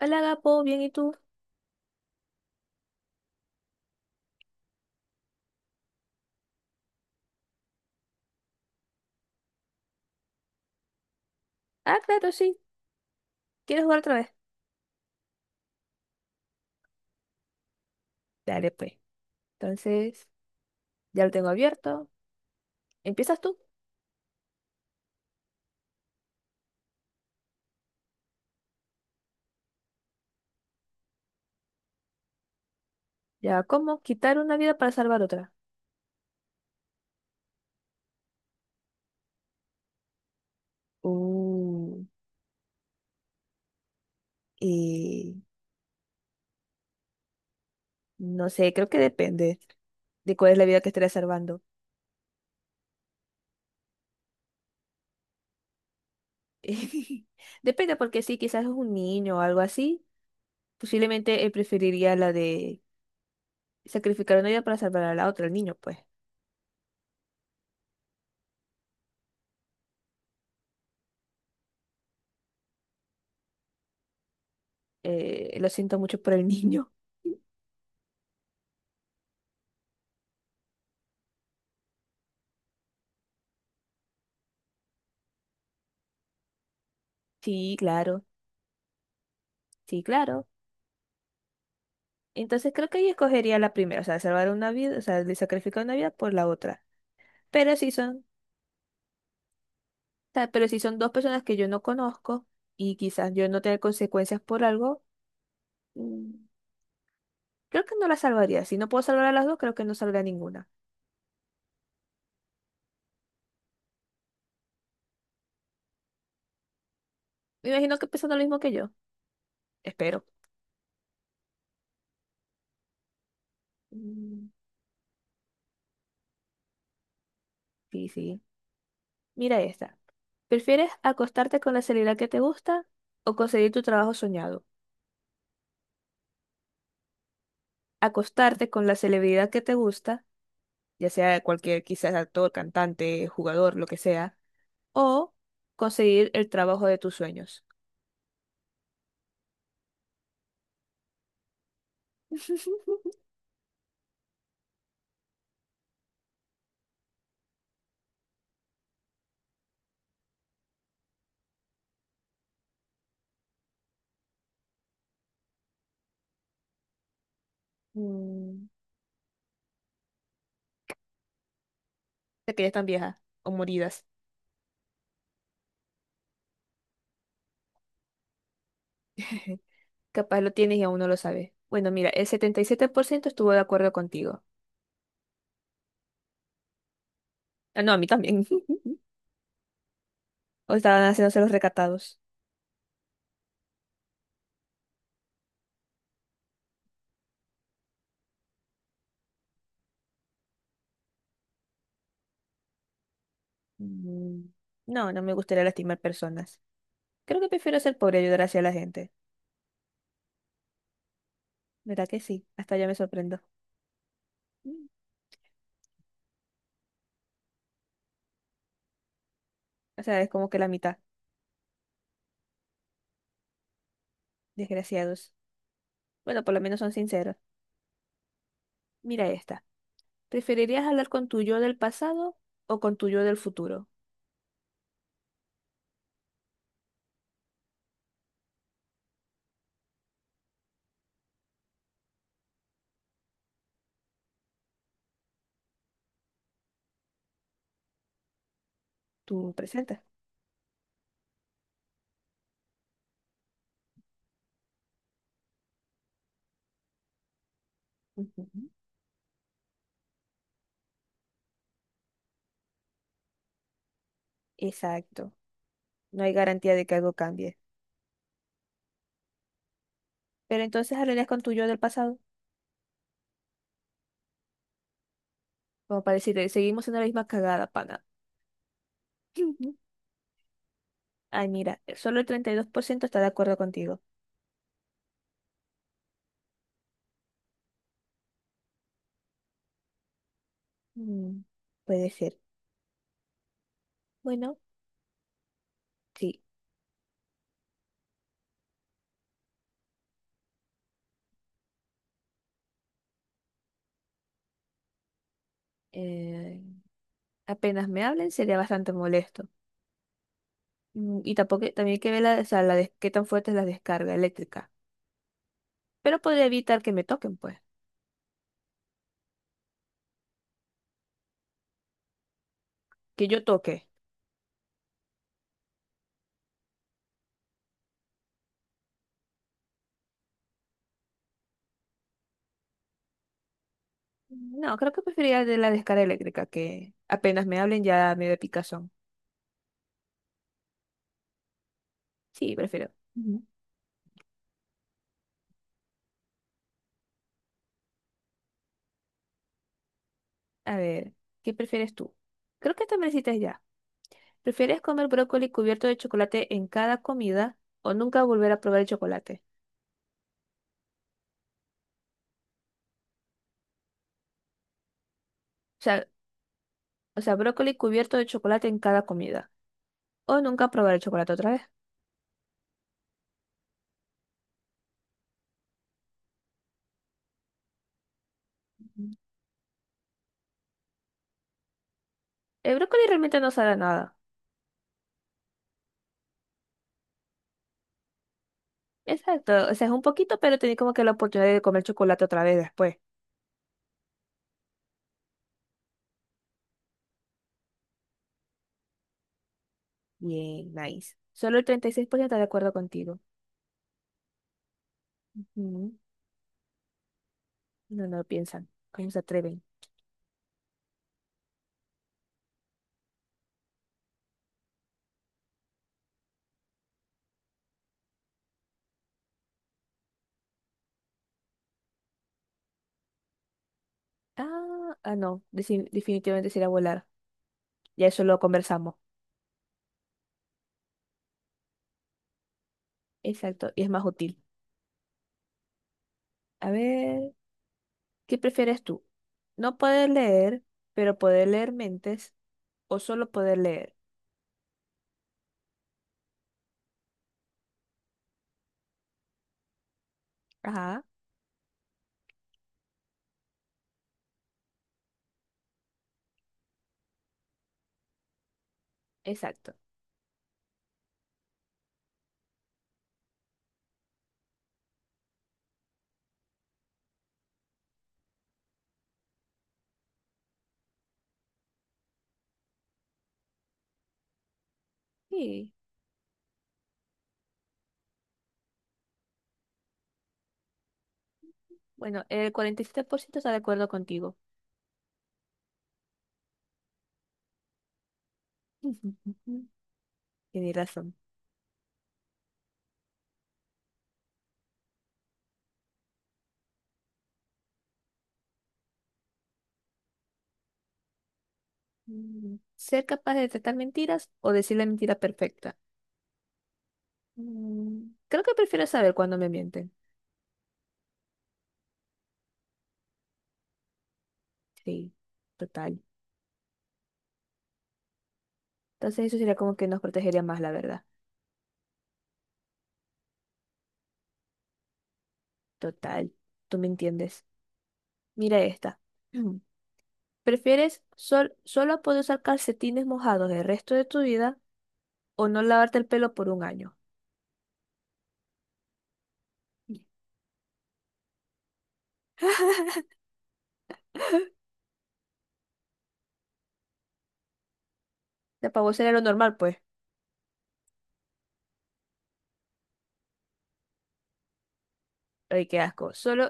Hola, Gapo, bien, ¿y tú? Ah, claro, sí. ¿Quieres jugar otra vez? Dale, pues. Entonces, ya lo tengo abierto. ¿Empiezas tú? Ya, ¿cómo? Quitar una vida para salvar otra. Uh, eh, no sé, creo que depende de cuál es la vida que estaré salvando. Depende, porque sí, quizás es un niño o algo así. Posiblemente él preferiría la de sacrificar una vida para salvar a la otra, el niño, pues. Lo siento mucho por el niño. Sí, claro, sí, claro. Entonces creo que ella escogería la primera, o sea, salvar una vida, o sea, de sacrificar una vida por la otra. Pero si son, o sea, pero si son dos personas que yo no conozco y quizás yo no tenga consecuencias por algo, mm, creo que no la salvaría. Si no puedo salvar a las dos, creo que no salvaré a ninguna. Me imagino que piensan lo mismo que yo. Espero. Mm. Sí, sí. Mira esta. ¿Prefieres acostarte con la celebridad que te gusta o conseguir tu trabajo soñado? Acostarte con la celebridad que te gusta ya sea cualquier quizás actor, cantante, jugador, lo que sea, o conseguir el trabajo de tus sueños. Mm. De que ya están viejas o moridas. Capaz lo tienes y aún no lo sabes. Bueno, mira, el 77% estuvo de acuerdo contigo. Ah, no, a mí también. O estaban haciéndose los recatados. Mm. No, no me gustaría lastimar personas. Creo que prefiero ser pobre y ayudar hacia la gente. ¿Verdad que sí? Hasta ya me sorprendo. Mm. O sea, es como que la mitad. Desgraciados. Bueno, por lo menos son sinceros. Mira esta. ¿Preferirías hablar con tu yo del pasado o con tu yo del futuro? Tú presentas. Ujú. Exacto. No hay garantía de que algo cambie. Pero entonces hablarías con tu yo del pasado. Como para decirle, seguimos en la misma cagada, pana. Ay, mira, solo el 32% está de acuerdo contigo. Mm, puede ser. Bueno, sí. eh, Apenas me hablen sería bastante molesto. Y tampoco, también hay que ver la, o sea, qué tan fuerte es la descarga eléctrica. Pero podría evitar que me toquen, pues. Que yo toque. No, creo que preferiría de la descarga eléctrica, que apenas me hablen ya me da picazón. Sí, prefiero. Ujú. A ver, ¿qué prefieres tú? Creo que esta me la hiciste ya. ¿Prefieres comer brócoli cubierto de chocolate en cada comida o nunca volver a probar el chocolate? O sea, o sea, brócoli cubierto de chocolate en cada comida o nunca probar el chocolate otra vez. Ujú. El brócoli realmente no sabe a nada. Exacto, o sea, es un poquito, pero tenés como que la oportunidad de comer chocolate otra vez después. Bien, nice. Solo el 36% está de acuerdo contigo. Ujú. No, no lo piensan. ¿Cómo se atreven? Ah, ah, no. Definitivamente será volar. Ya eso lo conversamos. Exacto. Y es más útil. A ver, ¿qué prefieres tú? ¿No poder leer, pero poder leer mentes o solo poder leer? Ajá, exacto. Sí. Bueno, el 47% está de acuerdo contigo. Tienes razón. Mm, ¿ser capaz de detectar mentiras o decir la mentira perfecta? Mm, creo que prefiero saber cuándo me mienten. Sí, total. Entonces eso sería como que nos protegería más, la verdad. Total, tú me entiendes. Mira esta. ¿Prefieres solo poder usar calcetines mojados el resto de tu vida o no lavarte el pelo por 1 año? La pavo sería lo normal, pues. Ay, qué asco. Solo,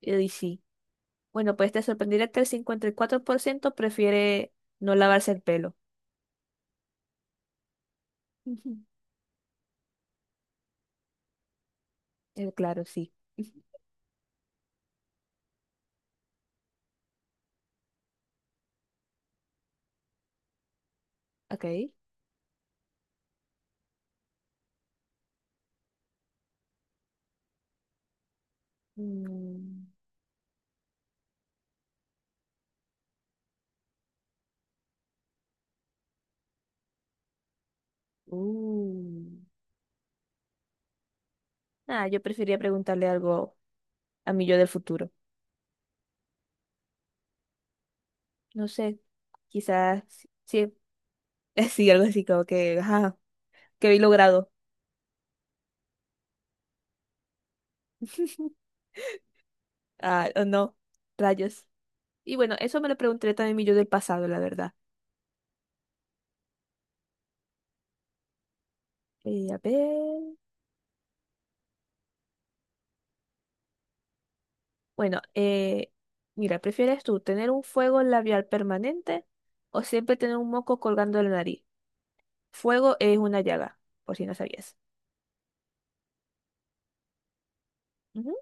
y sí. Bueno, pues te sorprenderá que el 54% prefiere no lavarse el pelo. Ujú. Claro, sí. Ujú. Ok. Mm, uh. Ah, yo preferiría preguntarle algo a mi yo del futuro. No sé, quizás sí, sí, algo así como que, ajá, que habéis logrado. Ah, o no, rayos. Y bueno, eso me lo pregunté también mi yo del pasado, la verdad. A ver. Bueno, eh, Mira, ¿prefieres tú tener un fuego labial permanente o siempre tener un moco colgando de la nariz? Fuego es una llaga, por si no sabías. Ujú.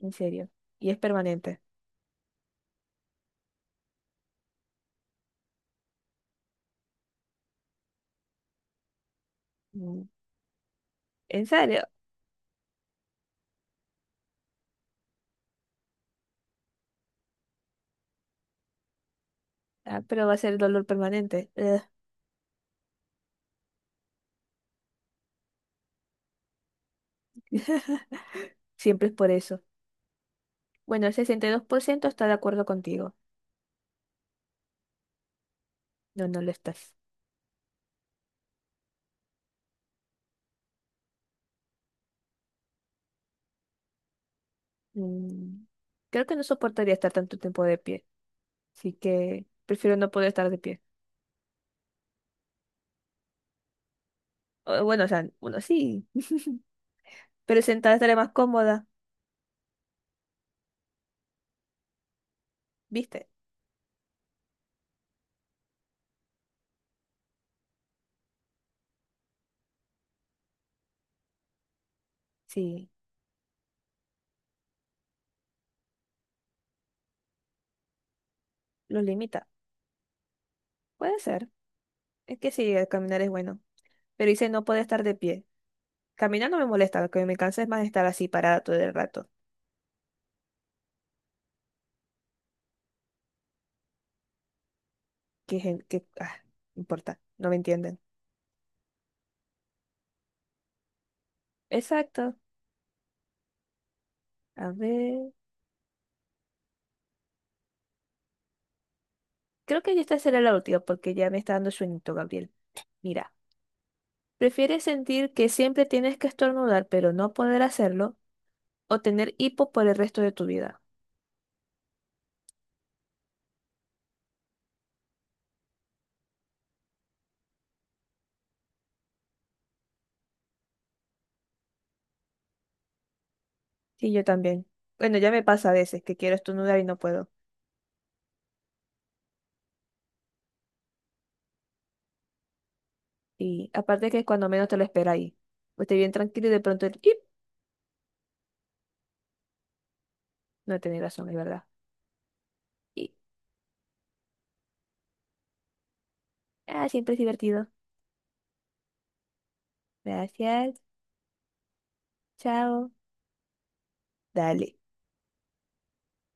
En serio. Y es permanente. Mm, ¿en serio? Ah, pero va a ser dolor permanente. Ugh. Siempre es por eso. Bueno, el 62% está de acuerdo contigo. No, no lo estás. Mm, creo que no soportaría estar tanto tiempo de pie. Así que prefiero no poder estar de pie. O, bueno, o sea, uno sí, pero sentada estaré más cómoda, ¿viste? Sí, lo limita. Puede ser. Es que sí, el caminar es bueno. Pero dice no poder estar de pie. Caminar no me molesta, lo que me cansa es más estar así parada todo el rato. Que, que, ah, no importa, no me entienden. Exacto. A ver. Creo que esta será la última porque ya me está dando sueñito, Gabriel. Mira, ¿prefieres sentir que siempre tienes que estornudar pero no poder hacerlo o tener hipo por el resto de tu vida? Sí, yo también. Bueno, ya me pasa a veces que quiero estornudar y no puedo. Y aparte que cuando menos te lo espera ahí. Pues estoy bien tranquilo y de pronto el ¡ip! No tenés razón, es verdad. Y, ah, siempre es divertido. Gracias. Chao. Dale.